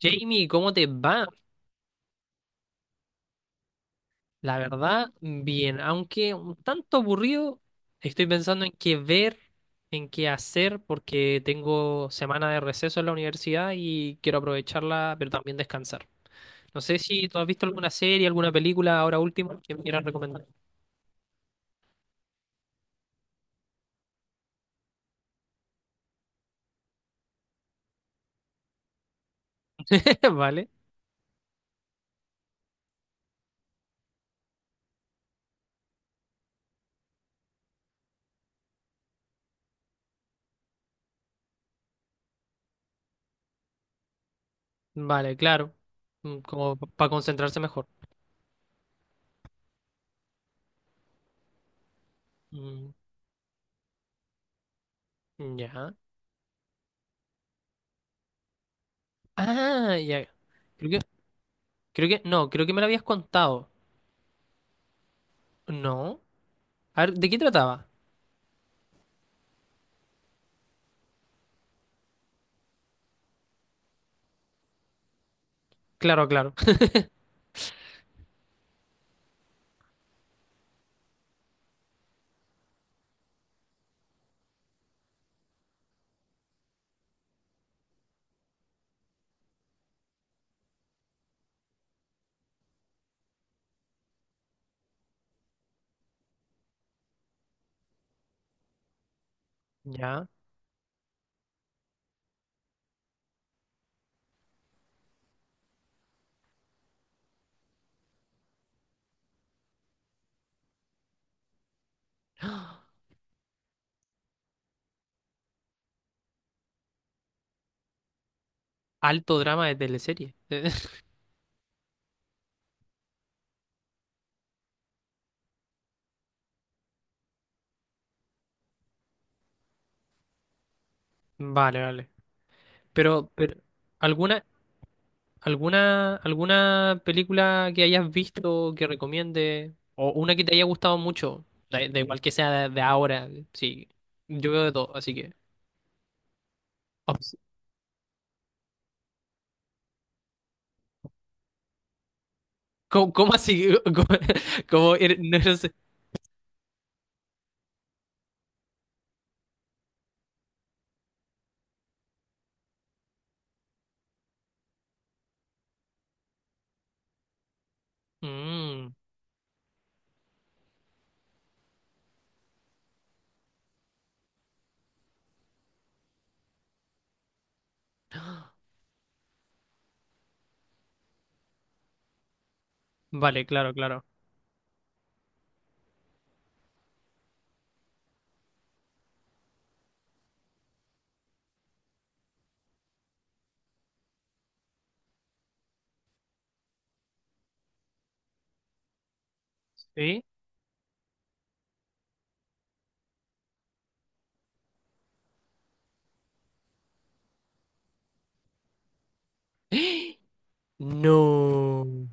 Jamie, ¿cómo te va? La verdad, bien, aunque un tanto aburrido, estoy pensando en qué ver, en qué hacer, porque tengo semana de receso en la universidad y quiero aprovecharla, pero también descansar. No sé si tú has visto alguna serie, alguna película ahora último que me quieras recomendar. Vale, vale, claro. Como para concentrarse mejor. Mm. Ya. Ah, ya. Creo que, creo que, no, creo que me lo habías contado. No. A ver, ¿de qué trataba? Claro, claro. Ya. Alto drama de teleserie. Vale, vale. Pero, ¿alguna, alguna película que hayas visto que recomiende? ¿O una que te haya gustado mucho? Da igual que sea de ahora. Sí. Yo veo de todo, así que. Ops. ¿Cómo así? No eres- Mm, vale, claro, claro. ¿Sí? No.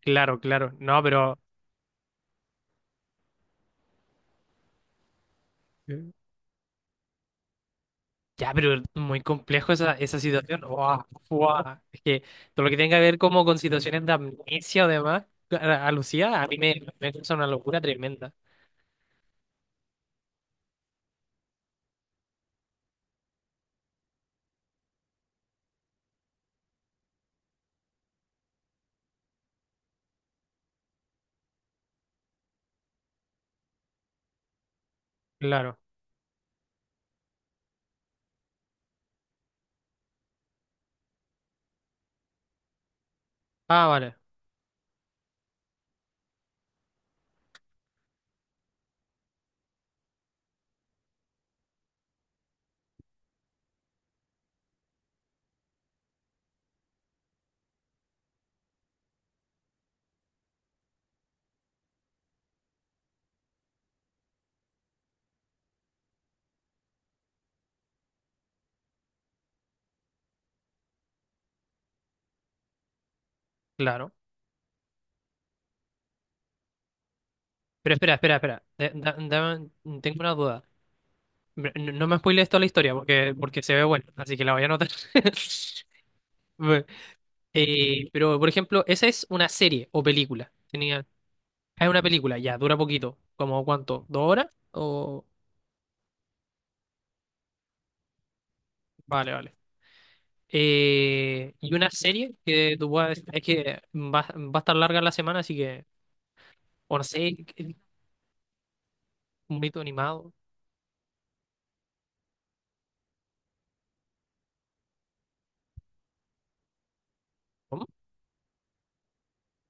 Claro, claro. No, pero. Ya, pero muy complejo esa situación. Buah, buah. Es que todo lo que tenga que ver como con situaciones de amnesia o demás, a Lucía, a mí me causa una locura tremenda. Claro. Ah, vale, claro. Pero espera, espera, espera. Tengo una duda. Pero no, no me spoilees toda la historia, porque, porque se ve bueno, así que la voy a anotar. Bueno, pero, por ejemplo, ¿esa es una serie o película? Es una película, ya, dura poquito. ¿Como cuánto? ¿Dos horas? O... Vale, vale. Y una serie que tú puedas, es que va a estar larga la semana, así que, o no sé, un mito animado. ¿Cómo?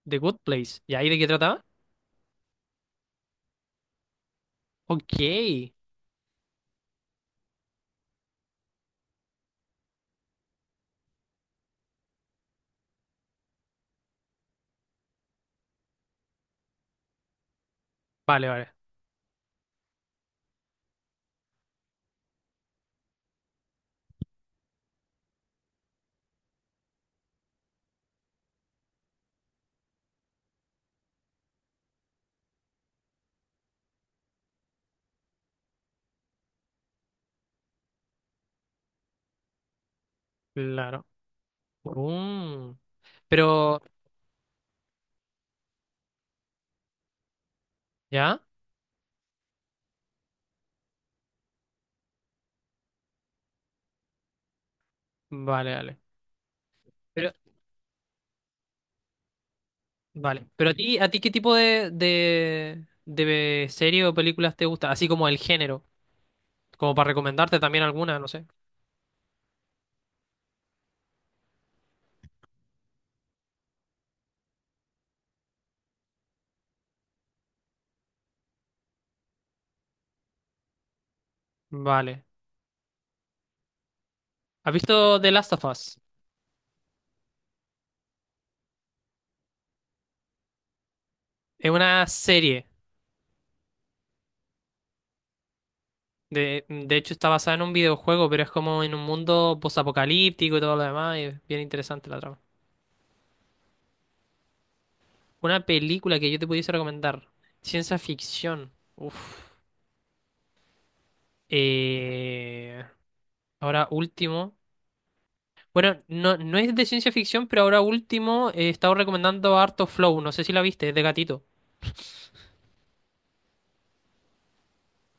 The Good Place. ¿Y ahí de qué trataba? Ok. Vale, vale. Claro. Mm. Pero, ¿ya? Vale, vale. Pero, vale. Pero ¿a ti qué tipo de serie o películas te gusta? Así como el género. Como para recomendarte también alguna, no sé. Vale. ¿Has visto The Last of Us? Es una serie. De hecho, está basada en un videojuego, pero es como en un mundo posapocalíptico y todo lo demás. Y es bien interesante la trama. Una película que yo te pudiese recomendar. Ciencia ficción. Uf. Eh, ahora último. Bueno, no, no es de ciencia ficción, pero ahora último, he estado recomendando harto Flow. No sé si la viste, es de gatito.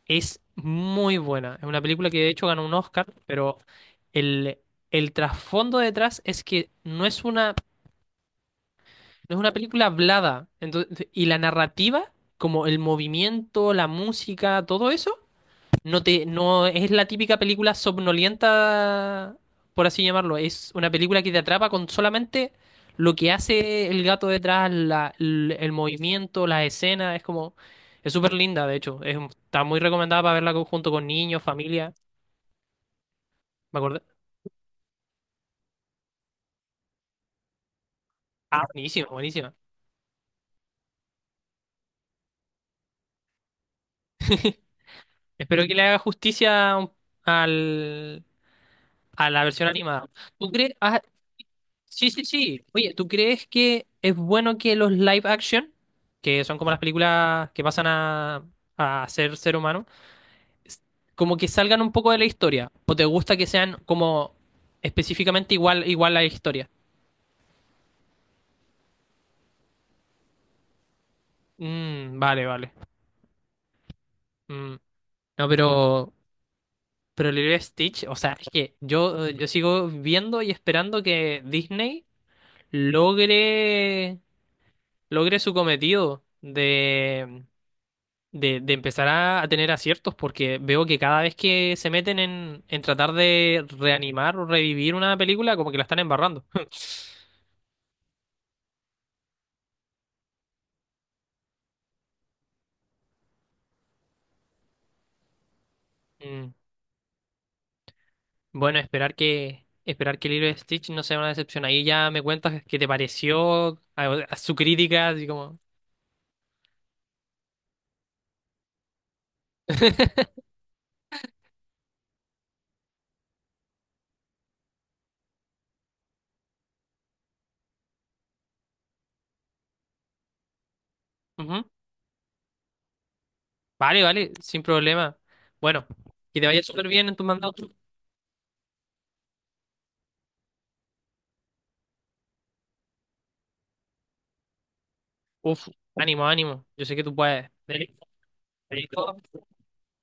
Es muy buena. Es una película que de hecho ganó un Oscar, pero el, el trasfondo detrás es que no es una. No es una película hablada. Entonces, y la narrativa, como el movimiento, la música, todo eso, no es la típica película somnolienta, por así llamarlo. Es una película que te atrapa con solamente lo que hace el gato detrás, movimiento, las escenas. Es como, es súper linda, de hecho. Está muy recomendada para verla junto con niños, familia. Me acordé. Ah, buenísima, buenísima. Espero que le haga justicia al, a la versión animada. ¿Tú crees? Sí, sí, sí. Oye, ¿tú crees que es bueno que los live action, que son como las películas que pasan a ser ser humano, s- como que salgan un poco de la historia? ¿O te gusta que sean como específicamente igual, igual a la historia? Mm, vale, vale. Mm. No, pero Lilo y Stitch, o sea, es que yo sigo viendo y esperando que Disney logre, logre su cometido de empezar a tener aciertos, porque veo que cada vez que se meten en tratar de reanimar o revivir una película, como que la están embarrando. Mm. Bueno, esperar que Lilo y Stitch no sea una decepción. Ahí ya me cuentas qué te pareció, a su crítica, así como. Ujú. Vale, vale, sin problema. Bueno, que te vaya súper bien en tu mandato. Uf, ánimo, ánimo. Yo sé que tú puedes. Dale. Dale.